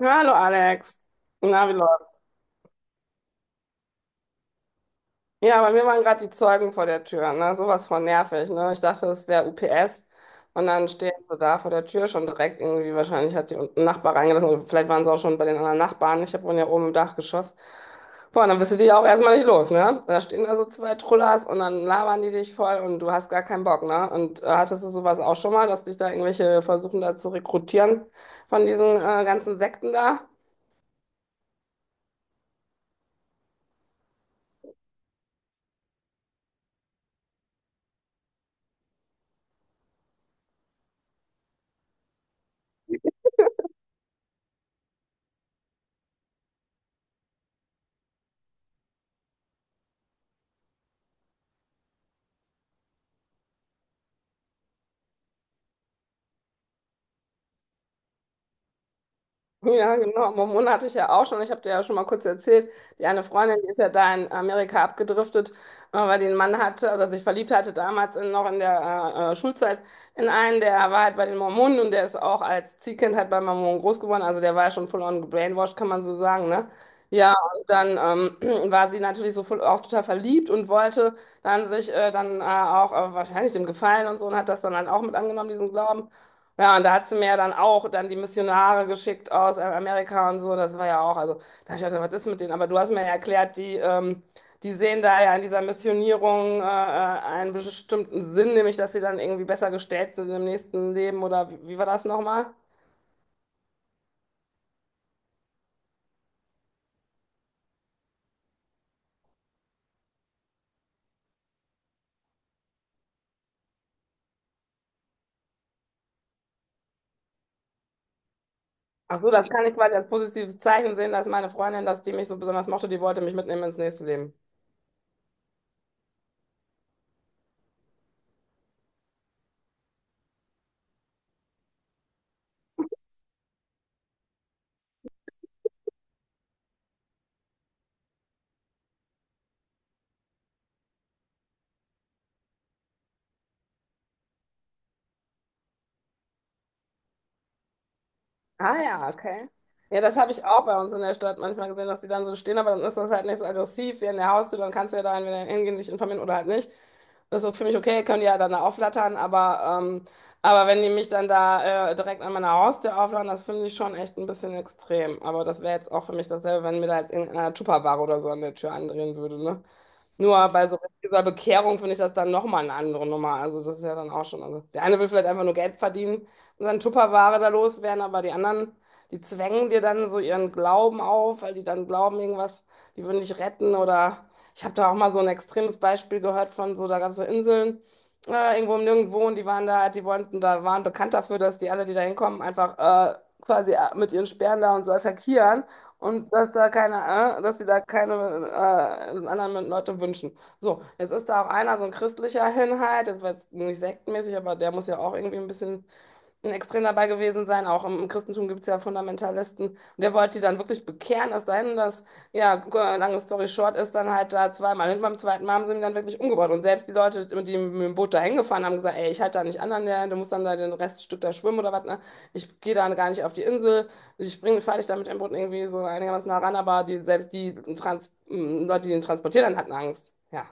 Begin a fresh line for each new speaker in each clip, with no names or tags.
Ja, Hallo Alex. Na, wie läuft's? Ja, bei mir waren gerade die Zeugen vor der Tür. Ne? Sowas von nervig. Ne? Ich dachte, das wäre UPS. Und dann stehen sie da vor der Tür schon direkt. Irgendwie wahrscheinlich hat die unten ein Nachbar reingelassen. Oder vielleicht waren sie auch schon bei den anderen Nachbarn. Ich hab wohne ja oben im Dachgeschoss. Boah, dann bist du dich auch erstmal nicht los, ne? Da stehen da so zwei Trullers und dann labern die dich voll und du hast gar keinen Bock, ne? Und hattest du sowas auch schon mal, dass dich da irgendwelche versuchen da zu rekrutieren von diesen ganzen Sekten da? Ja, genau. Mormonen hatte ich ja auch schon. Ich habe dir ja schon mal kurz erzählt. Die eine Freundin, die ist ja da in Amerika abgedriftet, weil die einen Mann hatte oder sich verliebt hatte damals in, noch in der Schulzeit in einen, der war halt bei den Mormonen und der ist auch als Ziehkind halt bei Mormonen groß geworden. Also der war ja schon full on gebrainwashed, kann man so sagen, ne? Ja, und dann war sie natürlich so voll, auch total verliebt und wollte dann sich dann auch wahrscheinlich dem gefallen und so und hat das dann halt auch mit angenommen, diesen Glauben. Ja, und da hat sie mir ja dann auch dann die Missionare geschickt aus Amerika und so. Das war ja auch, also da habe ich gedacht, was ist mit denen? Aber du hast mir ja erklärt, die, die sehen da ja in dieser Missionierung einen bestimmten Sinn, nämlich dass sie dann irgendwie besser gestellt sind im nächsten Leben oder wie, wie war das nochmal? Ach so, das kann ich quasi als positives Zeichen sehen, dass meine Freundin, dass die mich so besonders mochte, die wollte mich mitnehmen ins nächste Leben. Ah ja, okay. Ja, das habe ich auch bei uns in der Stadt manchmal gesehen, dass die dann so stehen, aber dann ist das halt nicht so aggressiv wie in der Haustür, dann kannst du ja da entweder hingehen, dich informieren oder halt nicht. Das ist für mich okay, können die ja dann da auflattern, aber wenn die mich dann da direkt an meiner Haustür auflattern, das finde ich schon echt ein bisschen extrem. Aber das wäre jetzt auch für mich dasselbe, wenn mir da jetzt irgendeiner Tupperware oder so an der Tür andrehen würde, ne? Nur bei so dieser Bekehrung finde ich das dann nochmal eine andere Nummer. Also das ist ja dann auch schon. Also der eine will vielleicht einfach nur Geld verdienen und seine Tupperware da loswerden, aber die anderen, die zwängen dir dann so ihren Glauben auf, weil die dann glauben, irgendwas, die würden dich retten. Oder ich habe da auch mal so ein extremes Beispiel gehört von so, da gab es so Inseln, irgendwo im Nirgendwo und die waren da, die wollten, da waren bekannt dafür, dass die alle, die da hinkommen, einfach quasi mit ihren Speeren da und so attackieren. Und dass da keine, dass sie da keine anderen Leute wünschen. So, jetzt ist da auch einer, so ein christlicher Hinhalt, das war jetzt nicht sektenmäßig, aber der muss ja auch irgendwie ein bisschen extrem dabei gewesen sein. Auch im Christentum gibt es ja Fundamentalisten. Und der wollte die dann wirklich bekehren, es sei denn, dass, ja, lange Story short ist, dann halt da zweimal hin. Beim zweiten Mal haben sie ihn dann wirklich umgebracht. Und selbst die Leute, die mit dem Boot da hingefahren haben, gesagt: Ey, ich halte da nicht an, an der, du musst dann da den Reststück da schwimmen oder was. Ne? Ich gehe da gar nicht auf die Insel. Ich bringe, fahre dich da mit dem Boot irgendwie so einigermaßen nah ran. Aber die, selbst die Leute, die ihn transportiert haben, hatten Angst. Ja.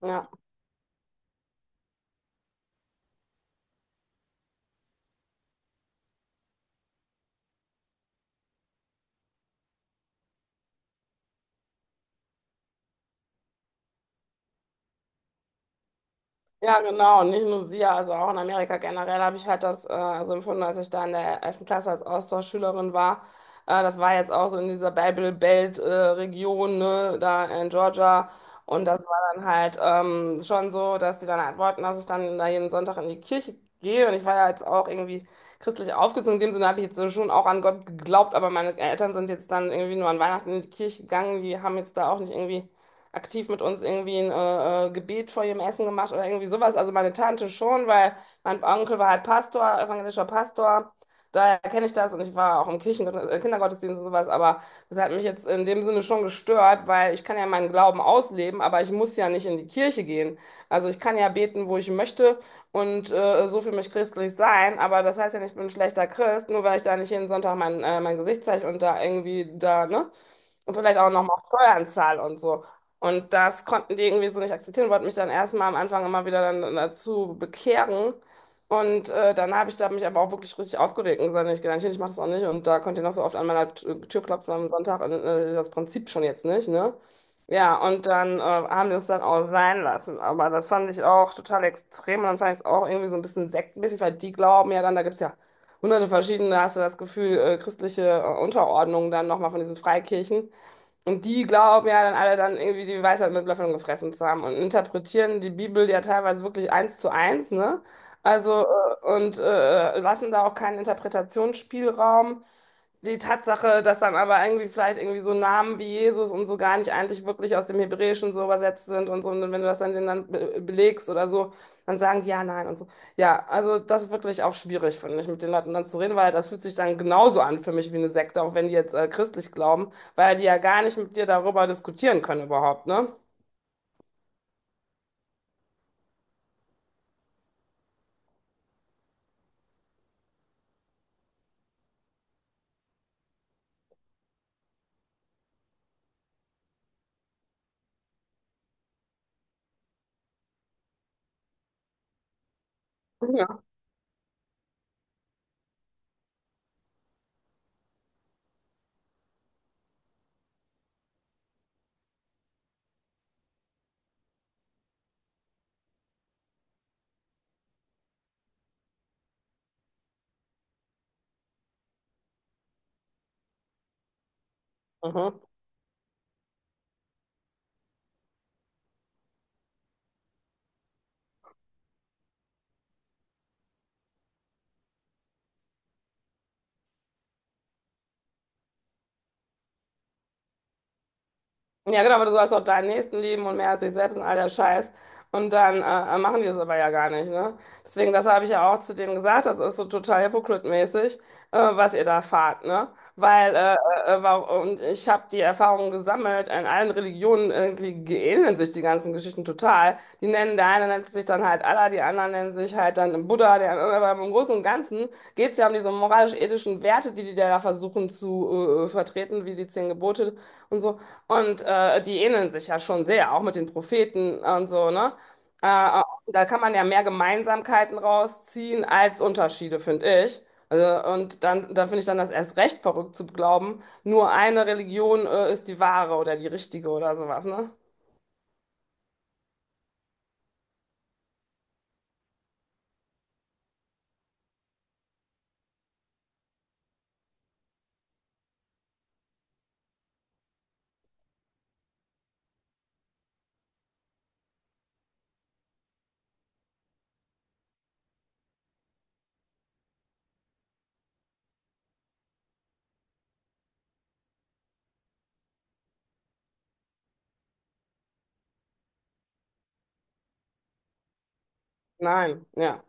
Ja. Ja, genau. Und nicht nur sie, also auch in Amerika generell habe ich halt das so empfunden, als ich da in der elften Klasse als Austauschschülerin war. Das war jetzt auch so in dieser Bible Belt Region, ne, da in Georgia. Und das war dann halt schon so, dass die dann halt wollten, dass ich dann da jeden Sonntag in die Kirche gehe. Und ich war ja jetzt auch irgendwie christlich aufgezogen. In dem Sinne habe ich jetzt schon auch an Gott geglaubt, aber meine Eltern sind jetzt dann irgendwie nur an Weihnachten in die Kirche gegangen. Die haben jetzt da auch nicht irgendwie aktiv mit uns irgendwie ein Gebet vor ihrem Essen gemacht oder irgendwie sowas. Also meine Tante schon, weil mein Onkel war halt Pastor, evangelischer Pastor. Daher kenne ich das und ich war auch im Kirchen Kindergottesdienst und sowas, aber das hat mich jetzt in dem Sinne schon gestört, weil ich kann ja meinen Glauben ausleben, aber ich muss ja nicht in die Kirche gehen. Also ich kann ja beten, wo ich möchte und so für mich christlich sein, aber das heißt ja nicht, ich bin ein schlechter Christ, nur weil ich da nicht jeden Sonntag mein, mein Gesicht zeige und da irgendwie da, ne? Und vielleicht auch nochmal Steuern zahle und so. Und das konnten die irgendwie so nicht akzeptieren, wollten mich dann erstmal am Anfang immer wieder dann dazu bekehren. Und dann habe ich da mich aber auch wirklich richtig aufgeregt und gesagt, nee, ich gehe da nicht hin, ich mache das auch nicht. Und da könnt ihr noch so oft an meiner Tür klopfen am Sonntag, das Prinzip schon jetzt nicht, ne? Ja, und dann haben wir es dann auch sein lassen. Aber das fand ich auch total extrem. Und dann fand ich es auch irgendwie so ein bisschen sektenmäßig, weil die glauben ja dann, da gibt es ja hunderte verschiedene, hast du das Gefühl, christliche Unterordnung dann nochmal von diesen Freikirchen. Und die glauben ja dann alle dann irgendwie die Weisheit mit Löffeln gefressen zu haben und interpretieren die Bibel ja teilweise wirklich eins zu eins, ne? Also, und lassen da auch keinen Interpretationsspielraum. Die Tatsache, dass dann aber irgendwie vielleicht irgendwie so Namen wie Jesus und so gar nicht eigentlich wirklich aus dem Hebräischen so übersetzt sind und so, und wenn du das dann denen dann be belegst oder so, dann sagen die ja, nein und so. Ja, also das ist wirklich auch schwierig, finde ich, mit den Leuten dann zu reden, weil das fühlt sich dann genauso an für mich wie eine Sekte, auch wenn die jetzt christlich glauben, weil die ja gar nicht mit dir darüber diskutieren können überhaupt, ne? Ja. Mhm. Ja, genau, aber du sollst auch deinen Nächsten lieben und mehr als dich selbst und all der Scheiß. Und dann machen die es aber ja gar nicht, ne? Deswegen, das habe ich ja auch zu denen gesagt, das ist so total hypocrite-mäßig, was ihr da fahrt, ne? Weil, und ich habe die Erfahrung gesammelt, in allen Religionen irgendwie ähneln sich die ganzen Geschichten total. Die nennen, der eine nennt sich dann halt Allah, die anderen nennen sich halt dann Buddha, der, aber im Großen und Ganzen geht es ja um diese moralisch-ethischen Werte, die die da versuchen zu vertreten, wie die 10 Gebote. Und so. Und die ähneln sich ja schon sehr, auch mit den Propheten und so, ne? Äh, Da kann man ja mehr Gemeinsamkeiten rausziehen als Unterschiede, finde ich. Also, und dann, da finde ich dann das erst recht verrückt zu glauben, nur eine Religion ist die wahre oder die richtige oder sowas, ne? Nein, ja.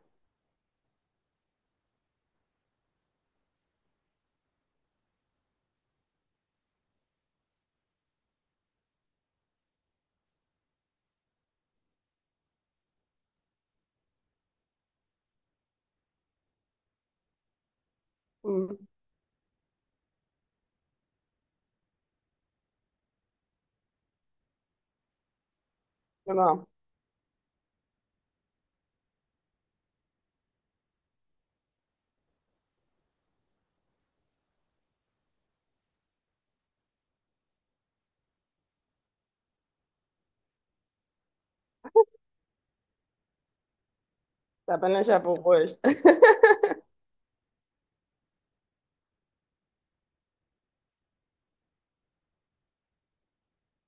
Mhm, genau. Da bin ich ja beruhigt.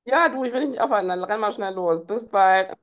Ja, du, ich will dich nicht aufhalten, dann renn mal schnell los. Bis bald.